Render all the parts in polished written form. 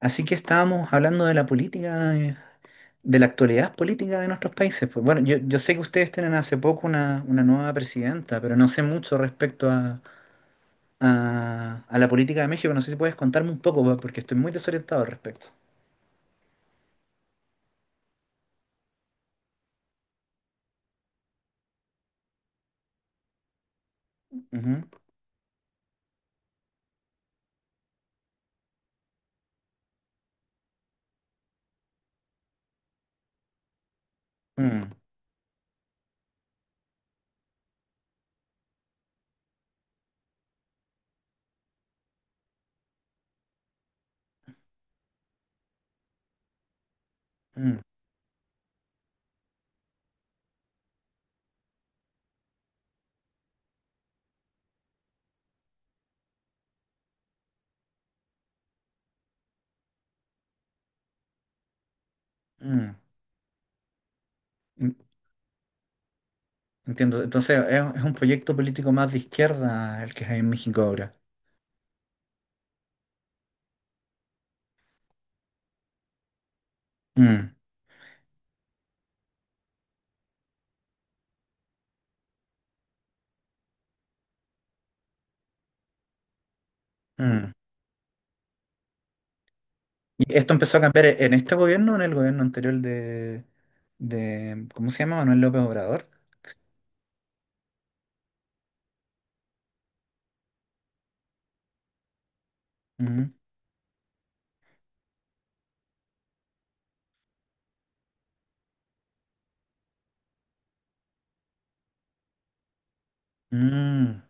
Así que estábamos hablando de la política, de la actualidad política de nuestros países. Pues bueno, yo sé que ustedes tienen hace poco una nueva presidenta, pero no sé mucho respecto a la política de México. No sé si puedes contarme un poco, porque estoy muy desorientado al respecto. Ujú. Mm, mm, mm. En- Entiendo. Entonces, es un proyecto político más de izquierda el que hay en México ahora. Mm, mm. ¿Y esto empezó a cambiar en este gobierno o en el gobierno anterior de ¿cómo se llama? ¿Manuel López Obrador? Mm, mm,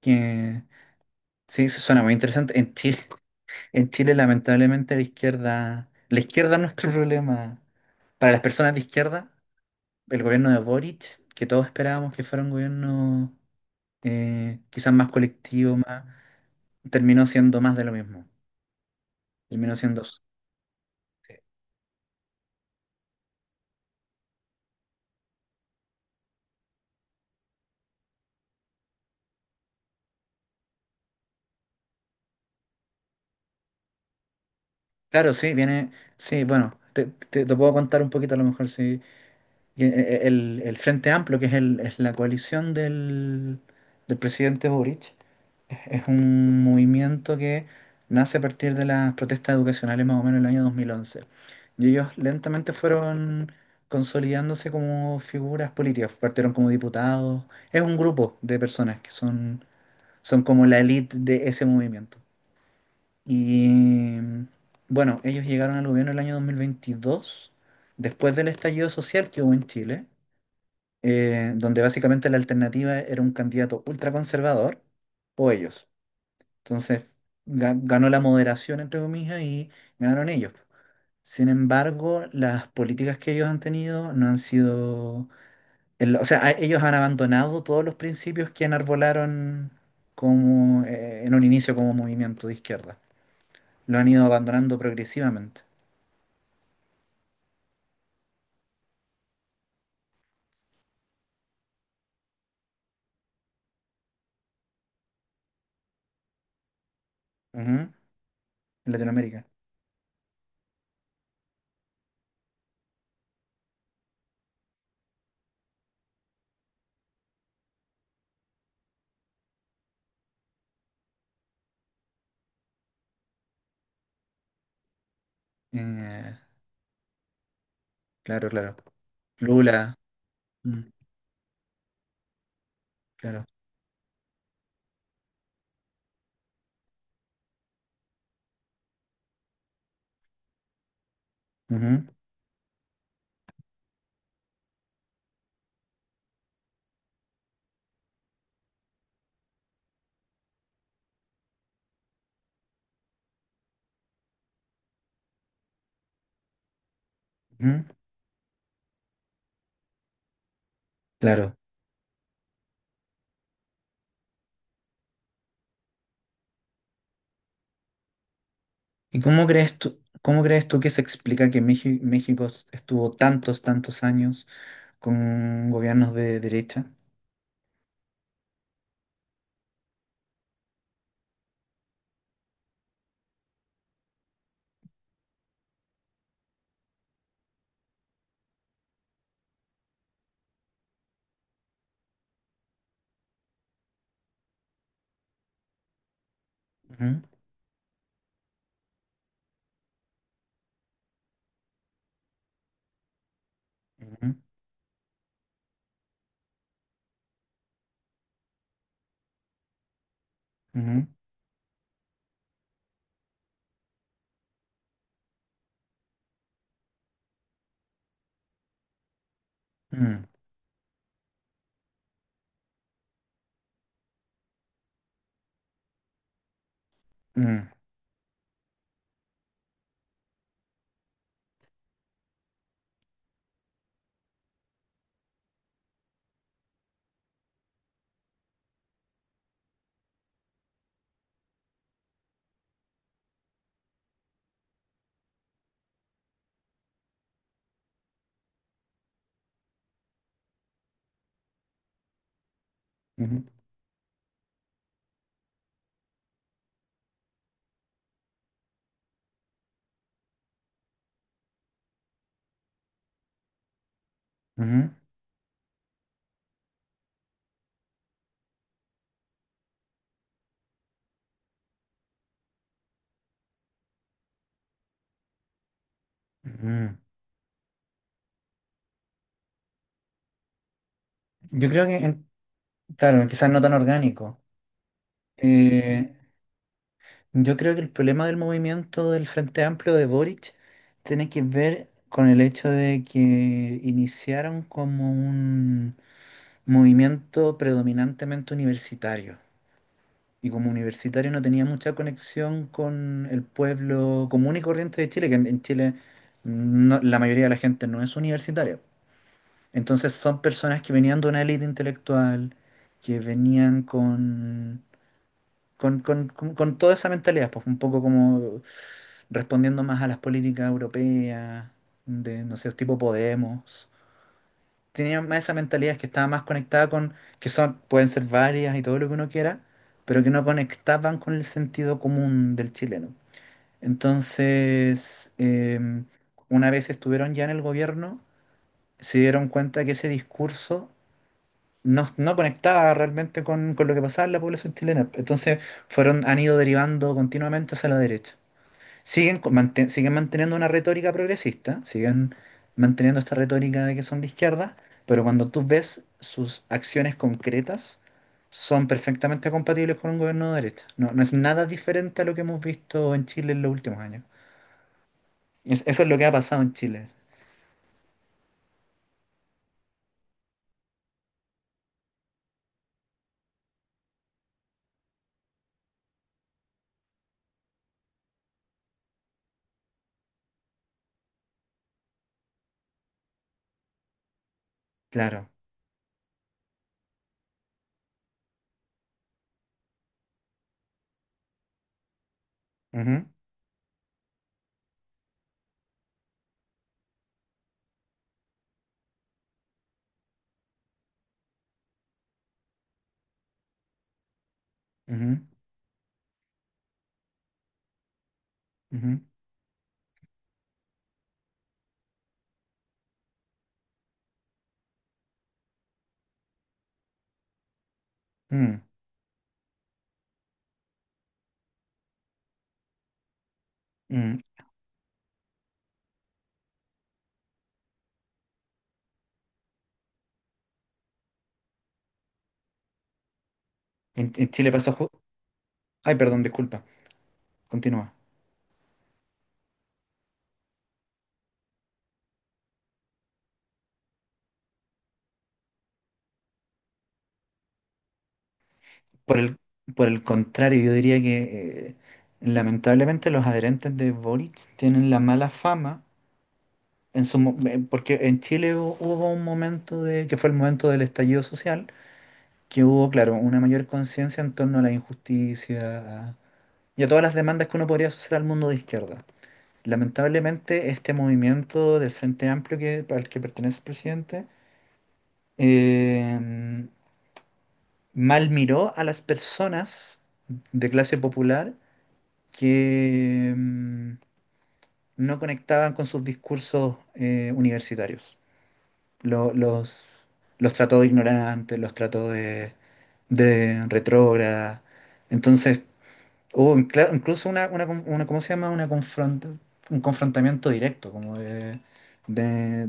que sí, eso suena muy interesante. En Chile, en Chile, lamentablemente, la izquierda es nuestro problema. Para las personas de izquierda, el gobierno de Boric, que todos esperábamos que fuera un gobierno quizás más colectivo, más, terminó siendo más de lo mismo. Terminó siendo. Claro, sí, viene. Sí, bueno, te puedo contar un poquito a lo mejor sí. Y, el Frente Amplio, que es la coalición del presidente Boric. Es un movimiento que nace a partir de las protestas educacionales más o menos en el año 2011. Y ellos lentamente fueron consolidándose como figuras políticas, partieron como diputados. Es un grupo de personas que son como la élite de ese movimiento. Y bueno, ellos llegaron al gobierno el año 2022, después del estallido social que hubo en Chile, donde básicamente la alternativa era un candidato ultraconservador o ellos. Entonces, ganó la moderación, entre comillas, y ganaron ellos. Sin embargo, las políticas que ellos han tenido no han sido... O sea, ellos han abandonado todos los principios que enarbolaron como, en un inicio como movimiento de izquierda. Lo han ido abandonando progresivamente. Ujú. En Latinoamérica. Eh, claro, claro. Lula. Mm, claro. Ujú, ujú, Claro. ¿Y cómo crees tú que se explica que México estuvo tantos, tantos años con gobiernos de derecha? Ujú, ujú, ujú, mm, mm, ujú, ujú, ujú. Yo creo que, claro, quizás no tan orgánico. Eh, yo creo que el problema del movimiento del Frente Amplio de Boric tiene que ver con el hecho de que iniciaron como un movimiento predominantemente universitario. Y como universitario no tenía mucha conexión con el pueblo común y corriente de Chile, que en Chile la mayoría de la gente no es universitaria. Entonces son personas que venían de una élite intelectual, que venían con toda esa mentalidad, pues un poco como respondiendo más a las políticas europeas, de, no sé, tipo Podemos tenían más esa mentalidad, que estaba más conectada con, que son, pueden ser varias y todo lo que uno quiera, pero que no conectaban con el sentido común del chileno. Entonces, una vez estuvieron ya en el gobierno, se dieron cuenta que ese discurso no conectaba realmente con lo que pasaba en la población chilena. Entonces, han ido derivando continuamente hacia la derecha. Siguen manteniendo una retórica progresista, siguen manteniendo esta retórica de que son de izquierda, pero cuando tú ves sus acciones concretas, son perfectamente compatibles con un gobierno de derecha. No, no es nada diferente a lo que hemos visto en Chile en los últimos años. Eso es lo que ha pasado en Chile, claro. Ujú, ujú, ujú, mm, mm. En Chile pasó... Ay, perdón, disculpa. Continúa. Por el, por el contrario, yo diría que lamentablemente los adherentes de Boric tienen la mala fama en su, porque en Chile hubo un momento de, que fue el momento del estallido social, que hubo, claro, una mayor conciencia en torno a la injusticia y a todas las demandas que uno podría asociar al mundo de izquierda. Lamentablemente, este movimiento del Frente Amplio que, al que pertenece el presidente eh, mal miró a las personas de clase popular que no conectaban con sus discursos universitarios. Lo- los, los trató de ignorantes, los trató de retrógrada. Entonces, hubo incluso una ¿cómo se llama? Un confrontamiento directo, como de,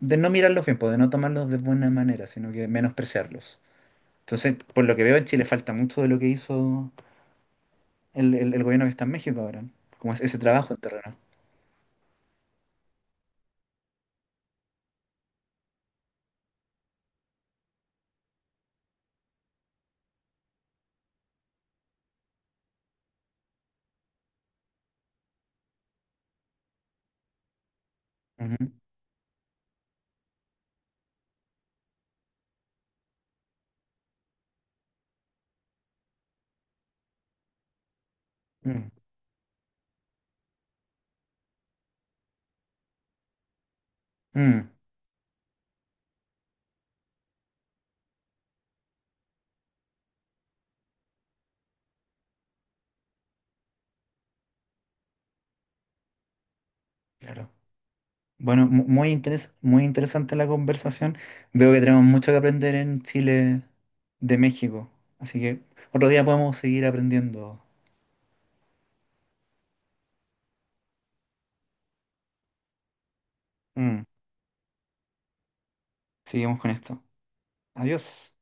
de no mirarlos bien, pues, de no tomarlos de buena manera, sino que menospreciarlos. Entonces, por lo que veo, en Chile falta mucho de lo que hizo el gobierno que está en México ahora, como ese trabajo en terreno. Mm, mm, claro. Bueno, muy interesante la conversación. Veo que tenemos mucho que aprender en Chile de México. Así que otro día podemos seguir aprendiendo. Mm, seguimos con esto. Adiós.